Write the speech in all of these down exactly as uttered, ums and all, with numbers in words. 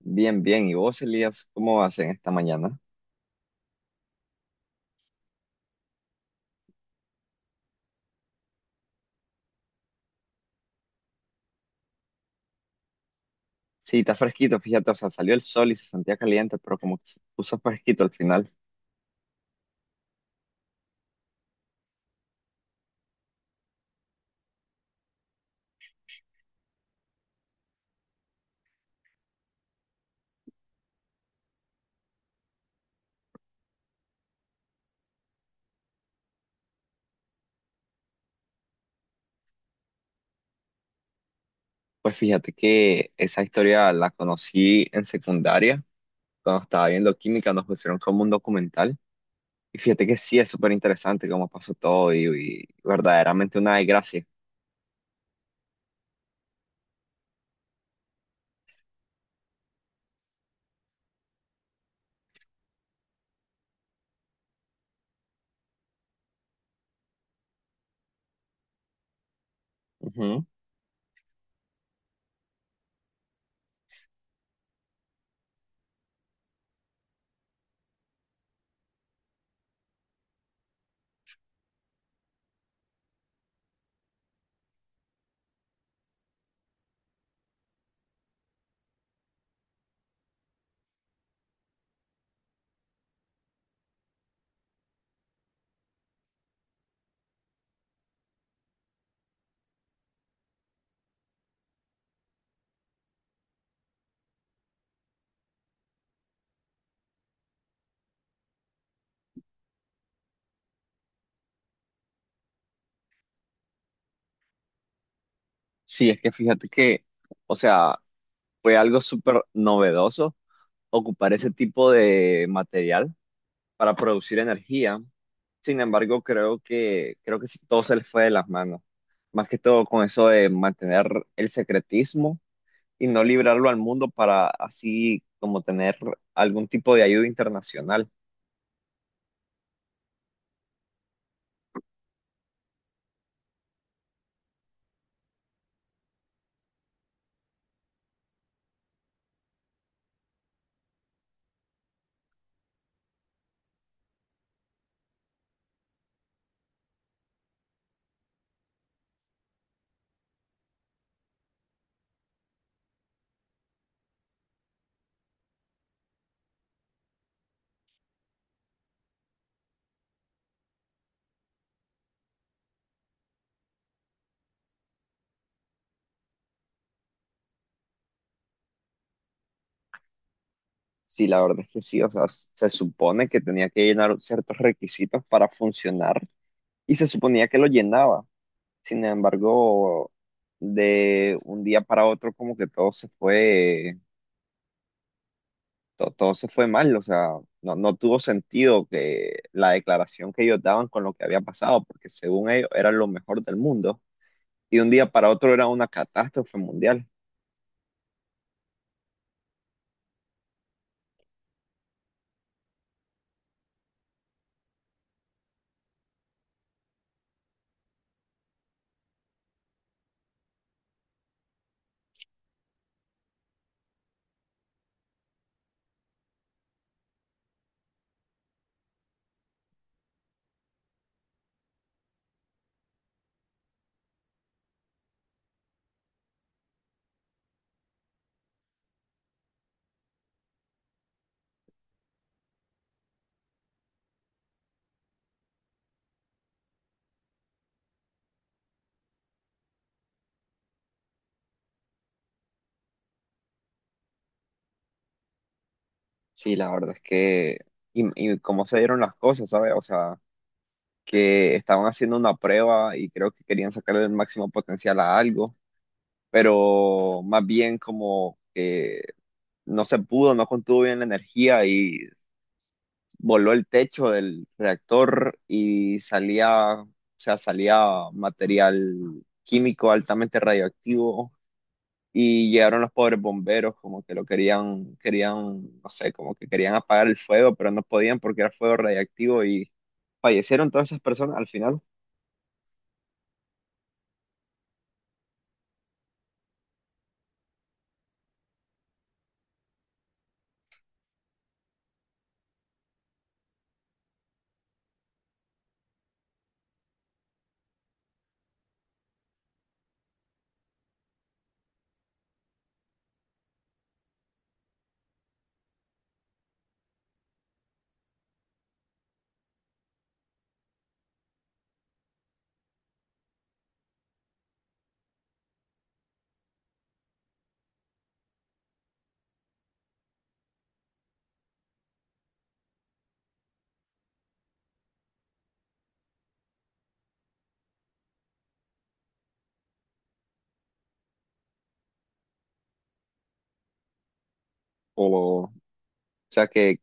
Bien, bien. ¿Y vos, Elías, cómo vas en esta mañana? Sí, está fresquito, fíjate, o sea, salió el sol y se sentía caliente, pero como que se puso fresquito al final. Pues fíjate que esa historia la conocí en secundaria, cuando estaba viendo química, nos pusieron como un documental. Y fíjate que sí, es súper interesante cómo pasó todo y, y verdaderamente una desgracia. Ujú. Sí, es que fíjate que, o sea, fue algo súper novedoso ocupar ese tipo de material para producir energía. Sin embargo, creo que, creo que sí, todo se les fue de las manos. Más que todo con eso de mantener el secretismo y no librarlo al mundo para así como tener algún tipo de ayuda internacional. Sí, la verdad es que sí, o sea, se supone que tenía que llenar ciertos requisitos para funcionar y se suponía que lo llenaba. Sin embargo, de un día para otro como que todo se fue to- todo se fue mal, o sea, no, no tuvo sentido que la declaración que ellos daban con lo que había pasado, porque según ellos era lo mejor del mundo, y un día para otro era una catástrofe mundial. Sí, la verdad es que, y, y cómo se dieron las cosas, ¿sabes? O sea, que estaban haciendo una prueba y creo que querían sacarle el máximo potencial a algo, pero más bien como que no se pudo, no contuvo bien la energía y voló el techo del reactor y salía, o sea, salía material químico altamente radioactivo y llegaron los pobres bomberos como que lo querían, querían, no sé, como que querían apagar el fuego, pero no podían porque era fuego radiactivo y fallecieron todas esas personas al final. O, o sea, que,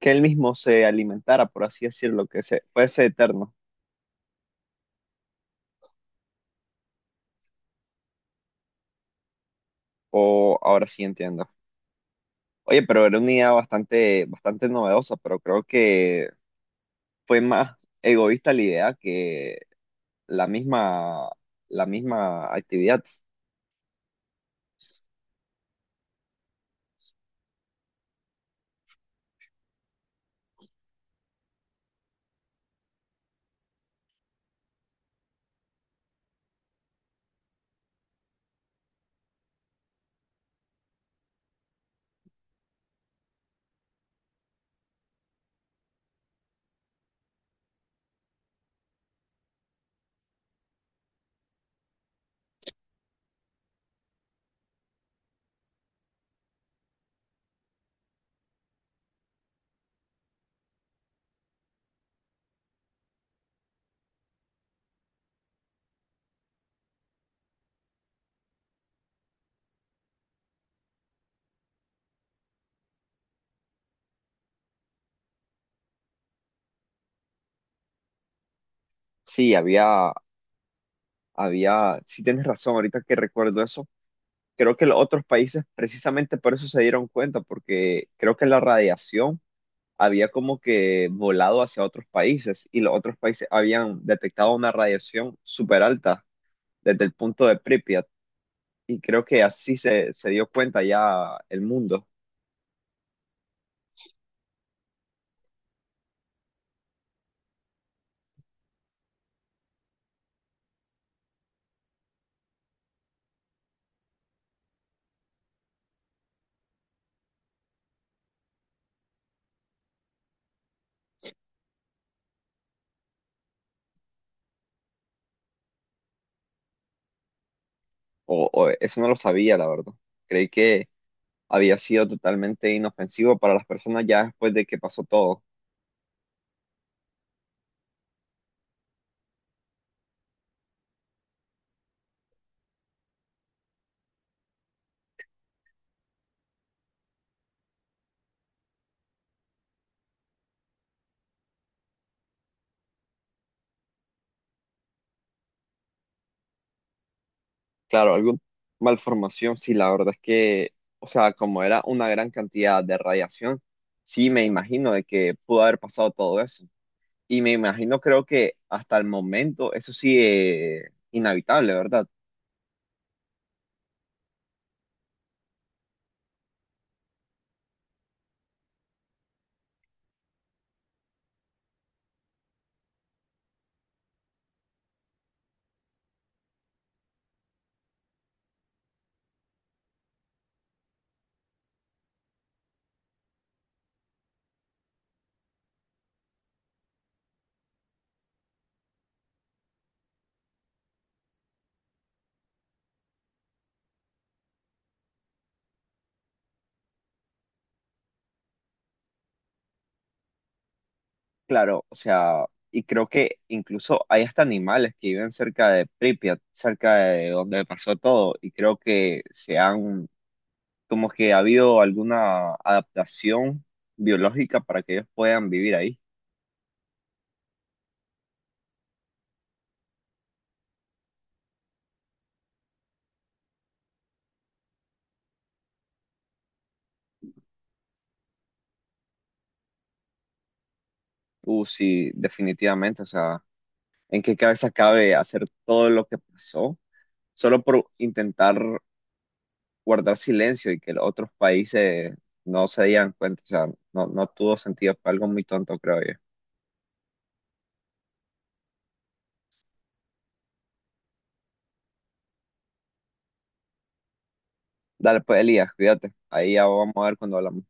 que él mismo se alimentara, por así decirlo, que se, fuese eterno. O ahora sí entiendo. Oye, pero era una idea bastante, bastante novedosa, pero creo que fue más egoísta la idea que la misma, la misma actividad. Sí, había, había, sí tienes razón, ahorita que recuerdo eso, creo que los otros países precisamente por eso se dieron cuenta, porque creo que la radiación había como que volado hacia otros países y los otros países habían detectado una radiación súper alta desde el punto de Pripyat y creo que así se, se dio cuenta ya el mundo. O, o eso no lo sabía, la verdad. Creí que había sido totalmente inofensivo para las personas ya después de que pasó todo. Claro, alguna malformación, sí, la verdad es que, o sea, como era una gran cantidad de radiación, sí me imagino de que pudo haber pasado todo eso. Y me imagino, creo que hasta el momento eso sí es inhabitable, ¿verdad? Claro, o sea, y creo que incluso hay hasta animales que viven cerca de Pripyat, cerca de donde pasó todo, y creo que se han como que ha habido alguna adaptación biológica para que ellos puedan vivir ahí. Uh, sí, definitivamente. O sea, ¿en qué cabeza cabe hacer todo lo que pasó solo por intentar guardar silencio y que los otros países no se dieran cuenta? O sea, no, no tuvo sentido. Fue algo muy tonto, creo yo. Dale, pues, Elías, cuídate. Ahí ya vamos a ver cuando hablamos.